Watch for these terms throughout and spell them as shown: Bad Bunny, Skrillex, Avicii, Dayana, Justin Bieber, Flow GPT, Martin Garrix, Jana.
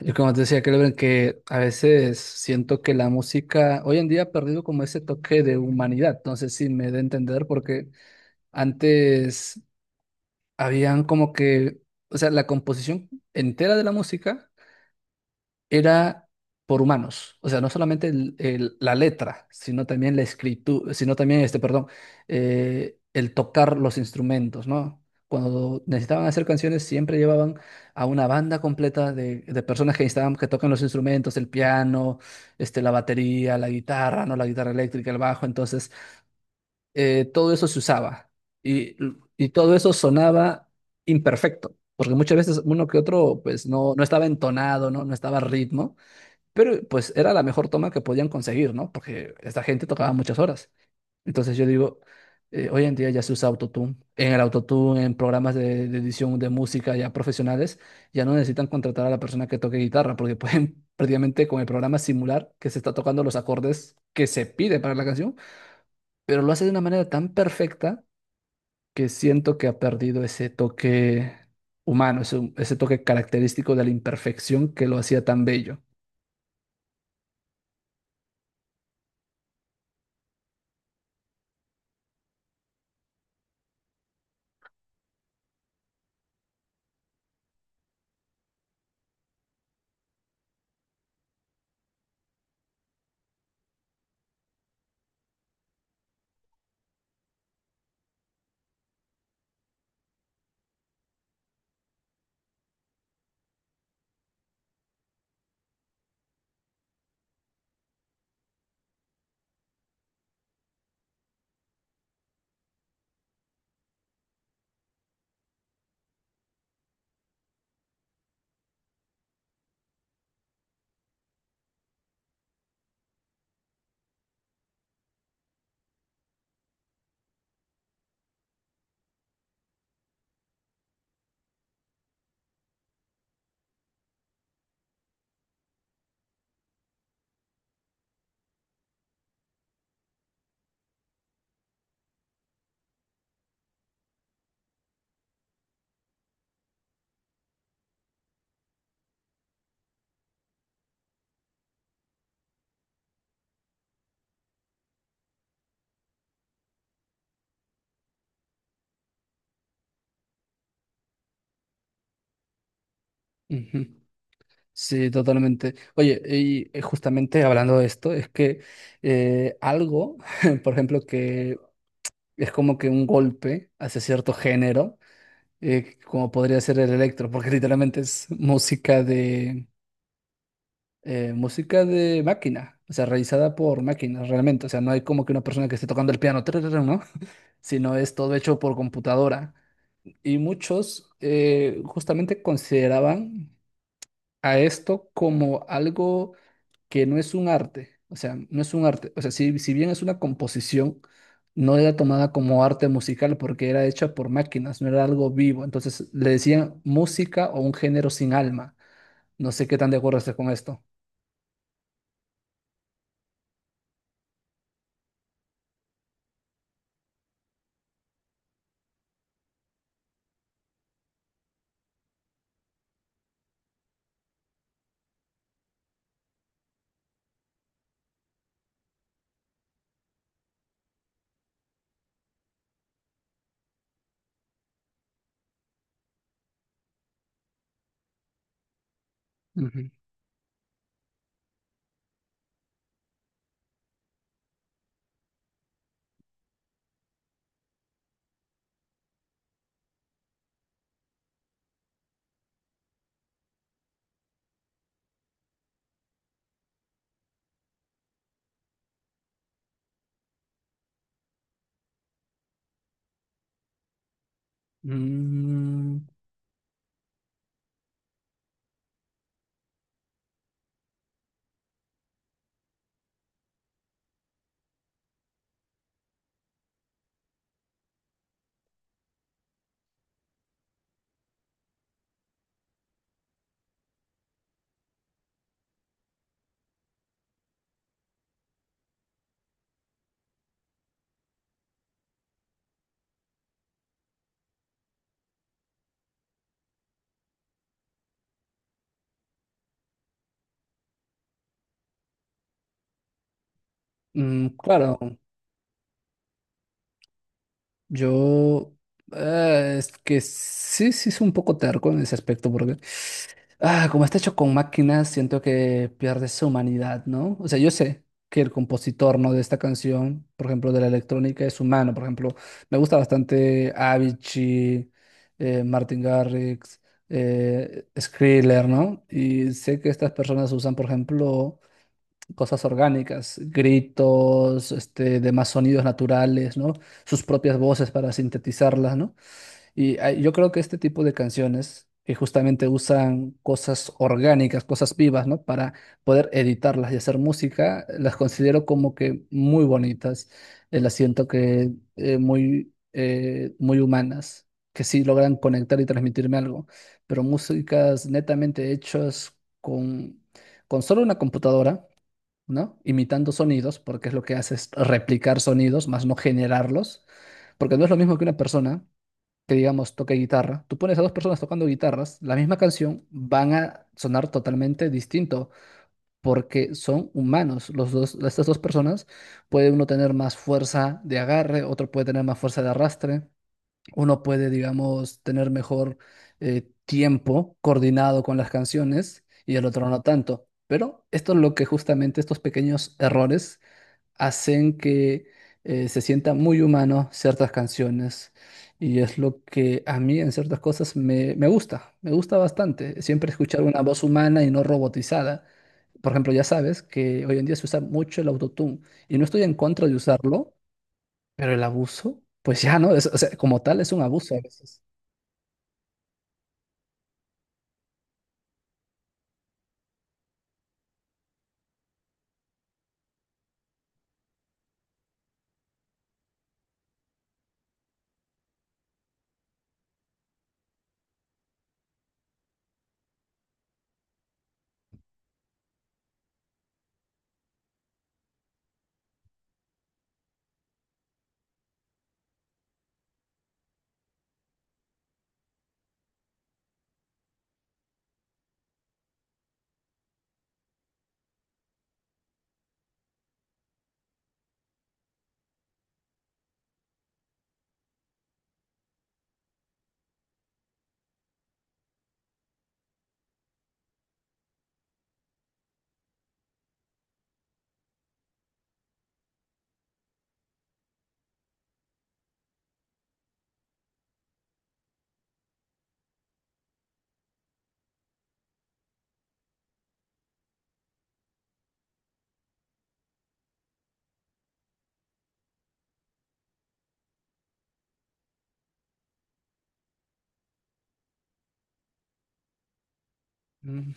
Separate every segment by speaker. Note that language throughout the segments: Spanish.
Speaker 1: Yo como te decía, creo que a veces siento que la música hoy en día ha perdido como ese toque de humanidad. No sé si me da a entender porque antes habían como que, o sea, la composición entera de la música era por humanos. O sea, no solamente la letra, sino también la escritura, sino también este, perdón, el tocar los instrumentos, ¿no? Cuando necesitaban hacer canciones, siempre llevaban a una banda completa de personas que necesitaban que toquen los instrumentos, el piano, este, la batería, la guitarra, ¿no? La guitarra eléctrica, el bajo. Entonces, todo eso se usaba y, y todo eso sonaba imperfecto. Porque muchas veces uno que otro, pues no estaba entonado, ¿no? No estaba a ritmo. Pero pues era la mejor toma que podían conseguir, ¿no? Porque esta gente tocaba muchas horas. Entonces yo digo, hoy en día ya se usa autotune. En el autotune, en programas de edición de música ya profesionales, ya no necesitan contratar a la persona que toque guitarra, porque pueden prácticamente con el programa simular que se está tocando los acordes que se pide para la canción, pero lo hace de una manera tan perfecta que siento que ha perdido ese toque humano, ese toque característico de la imperfección que lo hacía tan bello. Ujú. Sí, totalmente. Oye, y justamente hablando de esto, es que eh, algo, por ejemplo, que es como que un golpe hacia cierto género, como podría ser el electro, porque literalmente es música de máquina, o sea, realizada por máquinas realmente. O sea, no hay como que una persona que esté tocando el piano, tararara, ¿no? Sino es todo hecho por computadora. Y muchos justamente consideraban a esto como algo que no es un arte, o sea, no es un arte, o sea, si bien es una composición, no era tomada como arte musical porque era hecha por máquinas, no era algo vivo, entonces le decían música o un género sin alma. No sé qué tan de acuerdo estés con esto. Ujú. Mm, mm, claro, yo es que sí, sí es un poco terco en ese aspecto porque, ah, como está hecho con máquinas, siento que pierde su humanidad, ¿no? O sea, yo sé que el compositor, ¿no? de esta canción, por ejemplo, de la electrónica, es humano. Por ejemplo, me gusta bastante Avicii, Martin Garrix, Skrillex, ¿no? Y sé que estas personas usan, por ejemplo, cosas orgánicas, gritos, este, demás sonidos naturales, ¿no? Sus propias voces para sintetizarlas, ¿no? Y ah, yo creo que este tipo de canciones que justamente usan cosas orgánicas, cosas vivas, ¿no? Para poder editarlas y hacer música, las considero como que muy bonitas. Las siento que muy humanas, que sí logran conectar y transmitirme algo. Pero músicas netamente hechas con solo una computadora, ¿no? Imitando sonidos, porque es lo que hace es replicar sonidos, más no generarlos. Porque no es lo mismo que una persona que digamos toque guitarra, tú pones a dos personas tocando guitarras, la misma canción van a sonar totalmente distinto porque son humanos. Los dos, estas dos personas, puede uno tener más fuerza de agarre, otro puede tener más fuerza de arrastre, uno puede, digamos, tener mejor tiempo coordinado con las canciones y el otro no tanto. Pero esto es lo que justamente estos pequeños errores hacen que se sienta muy humano ciertas canciones y es lo que a mí en ciertas cosas me gusta bastante, siempre escuchar una voz humana y no robotizada. Por ejemplo, ya sabes que hoy en día se usa mucho el autotune y no estoy en contra de usarlo, pero el abuso, pues ya no, o sea, como tal es un abuso a veces. Mm,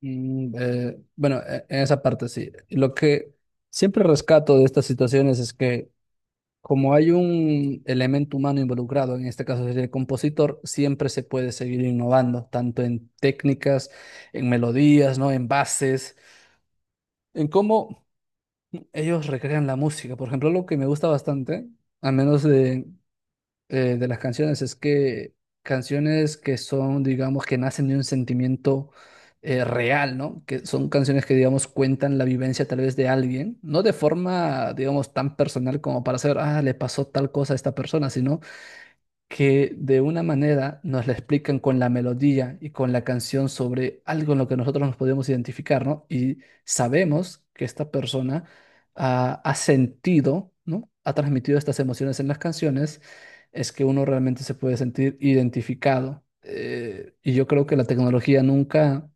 Speaker 1: mm, bueno, en esa parte sí. Lo que siempre rescato de estas situaciones es que como hay un elemento humano involucrado, en este caso sería el compositor, siempre se puede seguir innovando, tanto en técnicas, en melodías, ¿no? En bases, en cómo ellos recrean la música. Por ejemplo, lo que me gusta bastante, al menos de las canciones, es que canciones que son, digamos, que nacen de un sentimiento real, ¿no? Que son canciones que, digamos, cuentan la vivencia tal vez de alguien, no de forma, digamos, tan personal como para saber, ah, le pasó tal cosa a esta persona, sino que de una manera nos la explican con la melodía y con la canción sobre algo en lo que nosotros nos podemos identificar, ¿no? Y sabemos que esta persona ah, ha sentido, ¿no? Ha transmitido estas emociones en las canciones, es que uno realmente se puede sentir identificado. Y yo creo que la tecnología nunca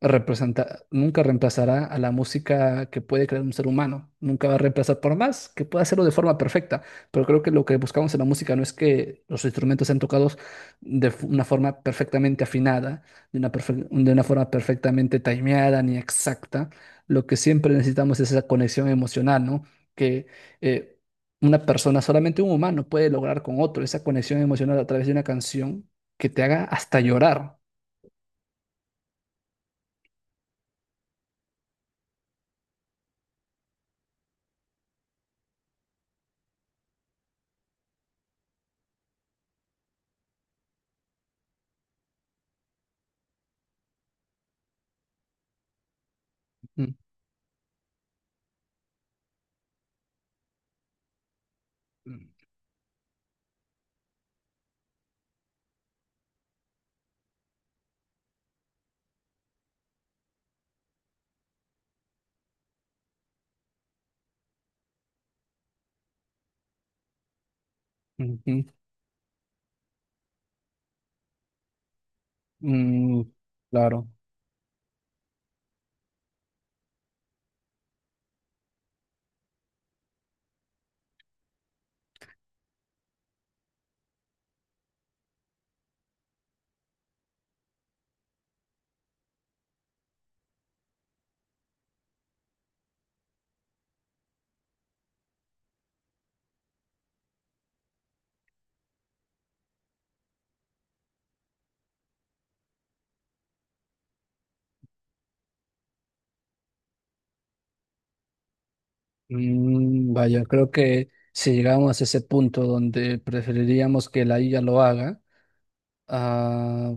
Speaker 1: representa, nunca reemplazará a la música que puede crear un ser humano. Nunca va a reemplazar por más que pueda hacerlo de forma perfecta. Pero creo que lo que buscamos en la música no es que los instrumentos sean tocados una forma perfectamente afinada, de una forma perfectamente timeada ni exacta. Lo que siempre necesitamos es esa conexión emocional, ¿no? Que eh, una persona, solamente un humano puede lograr con otro, esa conexión emocional a través de una canción que te haga hasta llorar. Mm. Ujú. Mm, claro. Mm, vaya, creo que si llegamos a ese punto donde preferiríamos que la IA lo haga, ah,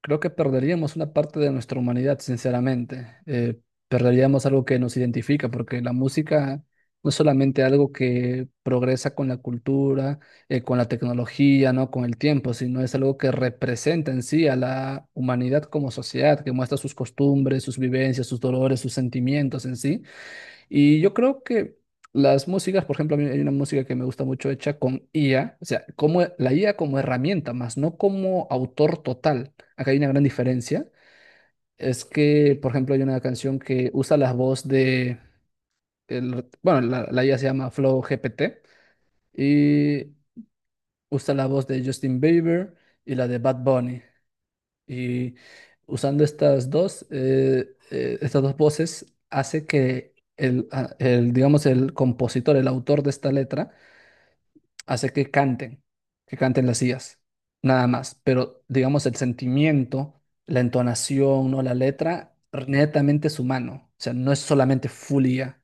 Speaker 1: creo que perderíamos una parte de nuestra humanidad, sinceramente. Perderíamos algo que nos identifica, porque la música no es solamente algo que progresa con la cultura, con la tecnología, ¿no? Con el tiempo, sino es algo que representa en sí a la humanidad como sociedad, que muestra sus costumbres, sus vivencias, sus dolores, sus sentimientos en sí. Y yo creo que las músicas, por ejemplo, a mí hay una música que me gusta mucho hecha con IA, o sea, como la IA como herramienta, más no como autor total. Acá hay una gran diferencia. Es que, por ejemplo, hay una canción que usa la voz de, bueno, la IA se llama Flow GPT y usa la voz de Justin Bieber y la de Bad Bunny. Y usando estas dos voces, hace que digamos, el compositor, el autor de esta letra, hace que canten las sillas, nada más. Pero, digamos, el sentimiento, la entonación, ¿no? La letra, netamente es humano. O sea, no es solamente full IA.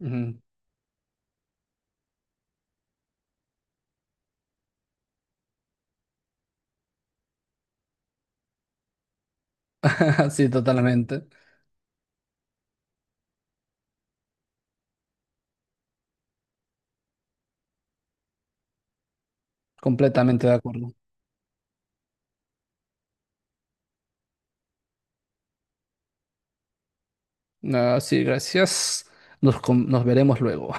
Speaker 1: Ujú. Sí, totalmente. Completamente de acuerdo. Ah, sí, gracias. Nos, nos veremos luego.